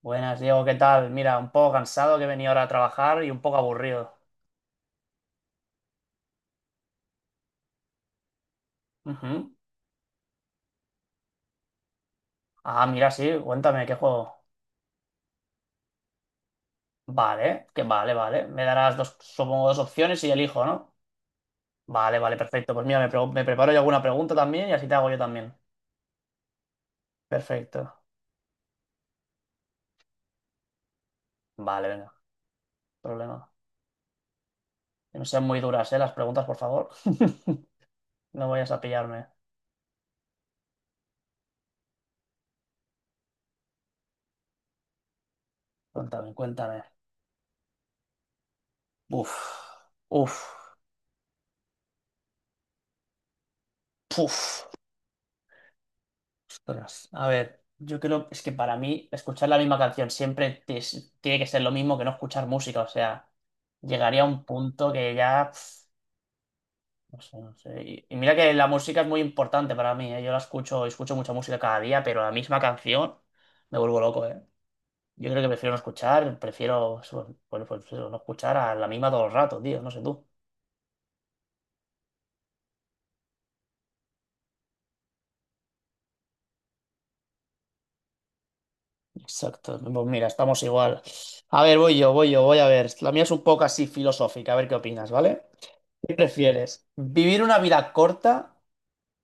Buenas, Diego, ¿qué tal? Mira, un poco cansado que venía ahora a trabajar y un poco aburrido. Ujú. Ah, mira, sí, cuéntame, ¿qué juego? Vale, que vale, vale. Me darás dos, supongo, dos opciones y elijo, ¿no? Vale, vale, perfecto. Pues mira, me preparo yo alguna pregunta también y así te hago yo también. Perfecto. Vale, venga, problema. Que no sean muy duras, ¿eh? Las preguntas, por favor. No vayas a pillarme. Cuéntame, cuéntame. Uf, uf, puf. Ostras, a ver, yo creo es que para mí escuchar la misma canción siempre tiene que ser lo mismo que no escuchar música, o sea, llegaría a un punto que ya, pf, no sé, no sé. Y mira que la música es muy importante para mí, ¿eh? Yo la escucho, escucho mucha música cada día, pero la misma canción me vuelvo loco, ¿eh? Yo creo que prefiero no escuchar, prefiero bueno, pues, eso, no escuchar a la misma todo el rato, tío, no sé tú. Exacto, pues mira, estamos igual. A ver, voy yo, voy yo, voy a ver. La mía es un poco así filosófica, a ver qué opinas, ¿vale? ¿Qué prefieres? ¿Vivir una vida corta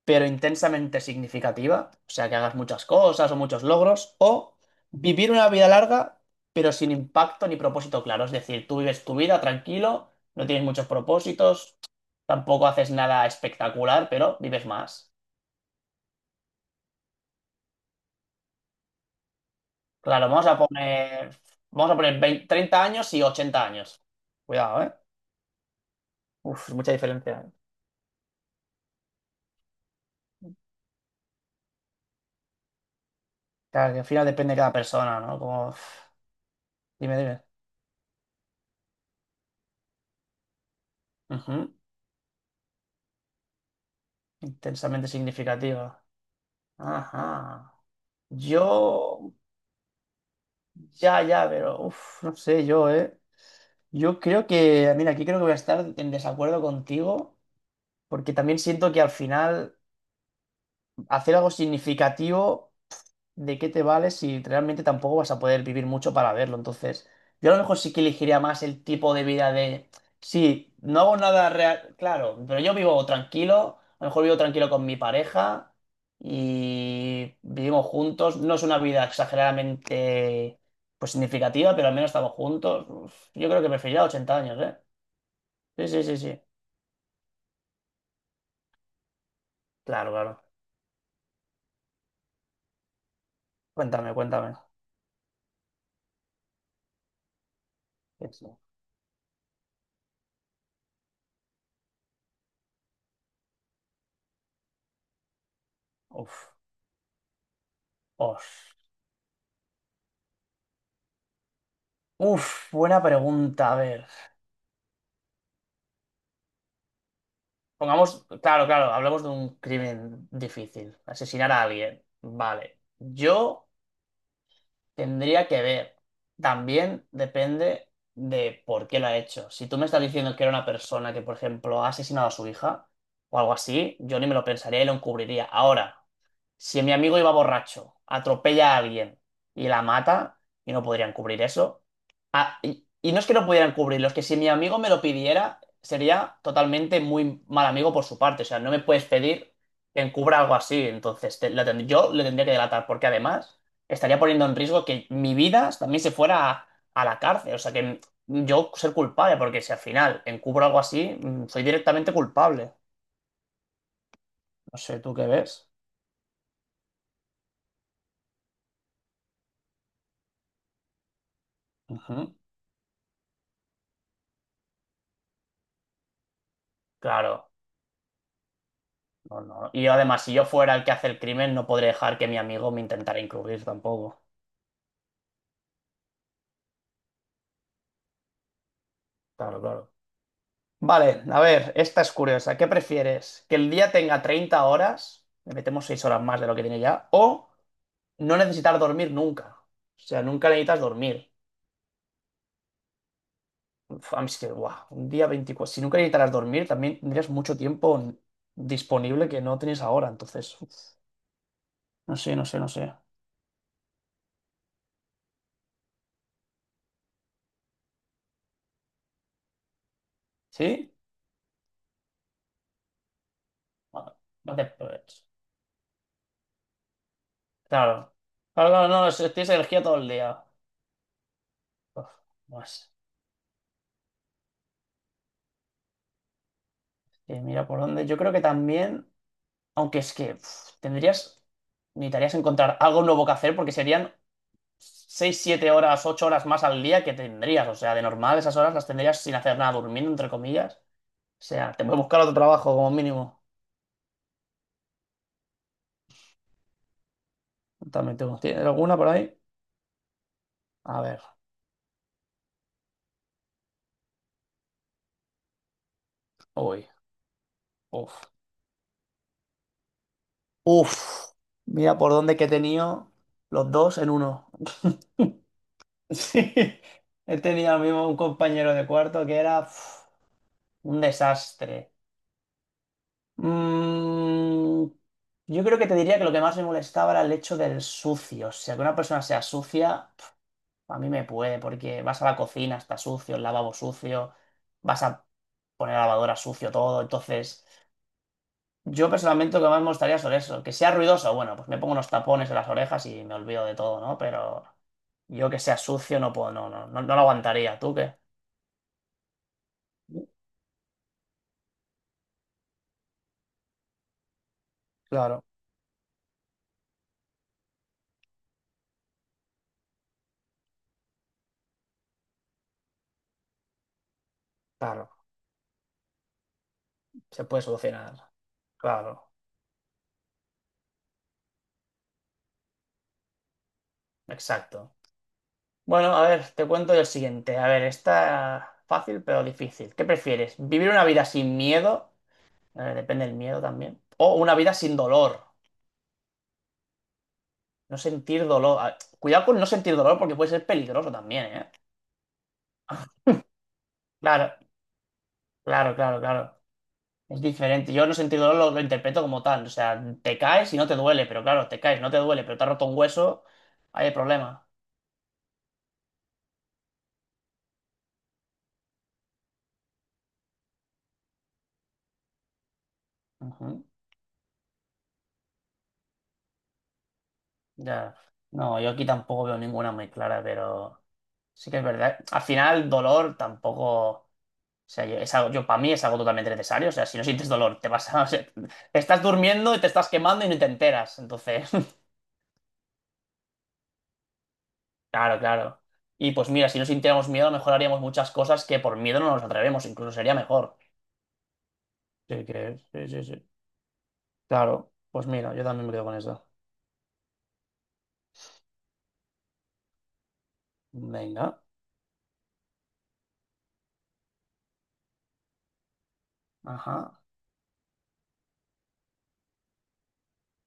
pero intensamente significativa? O sea, que hagas muchas cosas o muchos logros. ¿O vivir una vida larga pero sin impacto ni propósito claro? Es decir, tú vives tu vida tranquilo, no tienes muchos propósitos, tampoco haces nada espectacular, pero vives más. Claro, vamos a poner 20 30 años y 80 años. Cuidado, ¿eh? Uf, mucha diferencia. Claro, que al final depende de cada persona, ¿no? Como... Dime, dime. Ujú. Intensamente significativa. Ajá. Yo, ya, ya, pero, uff, no sé, yo, ¿eh? Yo creo que, mira, aquí creo que voy a estar en desacuerdo contigo, porque también siento que al final hacer algo significativo. ¿De qué te vale si realmente tampoco vas a poder vivir mucho para verlo? Entonces, yo a lo mejor sí que elegiría más el tipo de vida de, sí, no hago nada real, claro, pero yo vivo tranquilo, a lo mejor vivo tranquilo con mi pareja y vivimos juntos, no es una vida exageradamente, pues significativa, pero al menos estamos juntos. Uf, yo creo que preferiría 80 años, ¿eh? Sí, sí, sí, sí, claro, claro. Cuéntame, cuéntame. Eso. Uf, os- buena pregunta, a ver. Pongamos, claro, claro, hablamos de un crimen difícil, asesinar a alguien. Vale, yo tendría que ver. También depende de por qué lo ha hecho. Si tú me estás diciendo que era una persona que, por ejemplo, ha asesinado a su hija o algo así, yo ni me lo pensaría y lo encubriría. Ahora, si mi amigo iba borracho, atropella a alguien y la mata, y no podrían cubrir eso. Ah, y no es que no pudieran cubrirlo, es que si mi amigo me lo pidiera, sería totalmente muy mal amigo por su parte. O sea, no me puedes pedir que encubra algo así. Entonces, yo le tendría que delatar, porque además estaría poniendo en riesgo que mi vida también se fuera a la cárcel. O sea, que yo ser culpable, porque si al final encubro algo así, soy directamente culpable. No sé, ¿tú qué ves? Ujú. Claro. No, no. Y además, si yo fuera el que hace el crimen, no podría dejar que mi amigo me intentara encubrir tampoco. Claro, claro. Vale, a ver, esta es curiosa. ¿Qué prefieres? ¿Que el día tenga 30 horas? Le metemos 6 horas más de lo que tiene ya. ¿O no necesitar dormir nunca? O sea, nunca necesitas dormir. Uf, a mí es que, guau, un día 24. Si nunca necesitaras dormir, también tendrías mucho tiempo disponible que no tienes ahora. Entonces, uf, no sé, no sé, no sé. ¿Sí? Bueno, no te... Claro. Claro, claro, no, tienes energía todo el día. Uf, pues que mira por dónde. Yo creo que también, aunque es que uf, tendrías, necesitarías encontrar algo nuevo que hacer porque serían 6 7 horas, 8 horas más al día que tendrías. O sea, de normal esas horas las tendrías sin hacer nada, durmiendo, entre comillas. O sea, te voy a buscar otro trabajo como mínimo. También tengo. ¿Tienes alguna por ahí? A ver. Uy. Uf. Uf. Mira por dónde que he tenido los dos en uno. Sí. He tenido mismo un compañero de cuarto que era... uf, un desastre. Mm, yo creo que te diría que lo que más me molestaba era el hecho del sucio. O sea, que una persona sea sucia, pf, a mí me puede, porque vas a la cocina, está sucio, el lavabo sucio, vas a poner la lavadora sucio todo. Entonces, yo personalmente lo que más me gustaría sobre eso. Que sea ruidoso, bueno, pues me pongo unos tapones en las orejas y me olvido de todo, ¿no? Pero yo que sea sucio no puedo, no, no, no, no lo aguantaría. ¿Tú qué? Claro, claro, se puede solucionar. Claro, exacto. Bueno, a ver, te cuento yo el siguiente. A ver, está fácil pero difícil. ¿Qué prefieres? ¿Vivir una vida sin miedo? Depende del miedo también. O una vida sin dolor. No sentir dolor. Ah, cuidado con no sentir dolor porque puede ser peligroso también, ¿eh? Claro, claro, claro, claro. Es diferente. Yo no sentir dolor lo interpreto como tal. O sea, te caes y no te duele, pero claro, te caes, no te duele, pero te has roto un hueso, hay problema. Ujú, ya. No, yo aquí tampoco veo ninguna muy clara, pero... Sí que es verdad. Al final, dolor tampoco. O sea, yo, es algo, yo para mí es algo totalmente necesario. O sea, si no sientes dolor, te vas a. O sea, te estás durmiendo y te estás quemando y no te enteras. Entonces, claro, claro. Y pues mira, si no sintiéramos miedo, a lo mejor haríamos muchas cosas que por miedo no nos atrevemos. Incluso sería mejor. Sí que sí, sí, sí. Claro. Pues mira, yo también me quedo con eso. Venga. Ajá.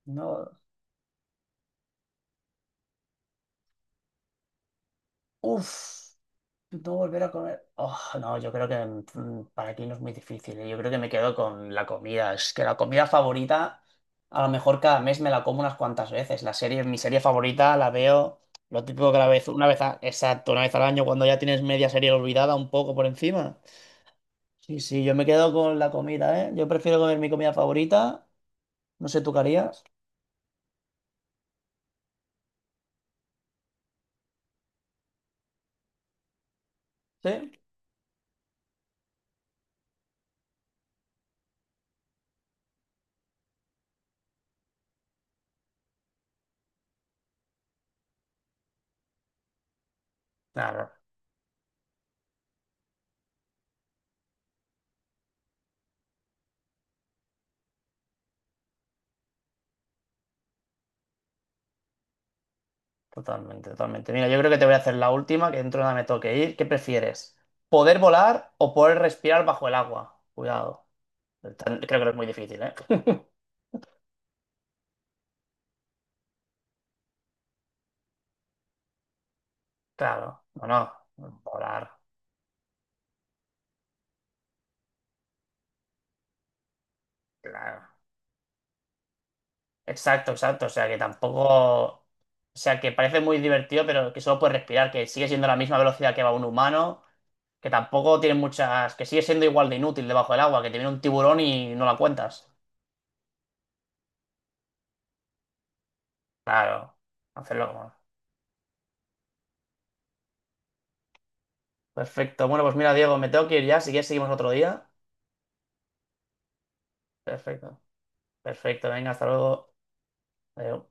No. Uf. No volver a comer. Oh, no, yo creo que para ti no es muy difícil. ¿Eh? Yo creo que me quedo con la comida. Es que la comida favorita, a lo mejor cada mes me la como unas cuantas veces. La serie, mi serie favorita la veo, lo típico que la vez, una vez, exacto, una vez al año, cuando ya tienes media serie olvidada un poco por encima. Sí, sí, yo me quedo con la comida, ¿eh? Yo prefiero comer mi comida favorita. No sé, ¿tú qué harías? ¿Sí? Claro. Totalmente, totalmente. Mira, yo creo que te voy a hacer la última, que dentro de nada me toque ir. ¿Qué prefieres? ¿Poder volar o poder respirar bajo el agua? Cuidado. Creo que es muy difícil, ¿eh? Claro, no, no. Volar, claro. Exacto, exacto. O sea que tampoco. O sea que parece muy divertido, pero que solo puedes respirar, que sigue siendo la misma velocidad que va un humano, que tampoco tiene muchas. Que sigue siendo igual de inútil debajo del agua, que te viene un tiburón y no la cuentas. Claro, hacerlo. Como. Perfecto. Bueno, pues mira, Diego, me tengo que ir ya. Si quieres, seguimos otro día. Perfecto. Perfecto. Venga, hasta luego. Adiós.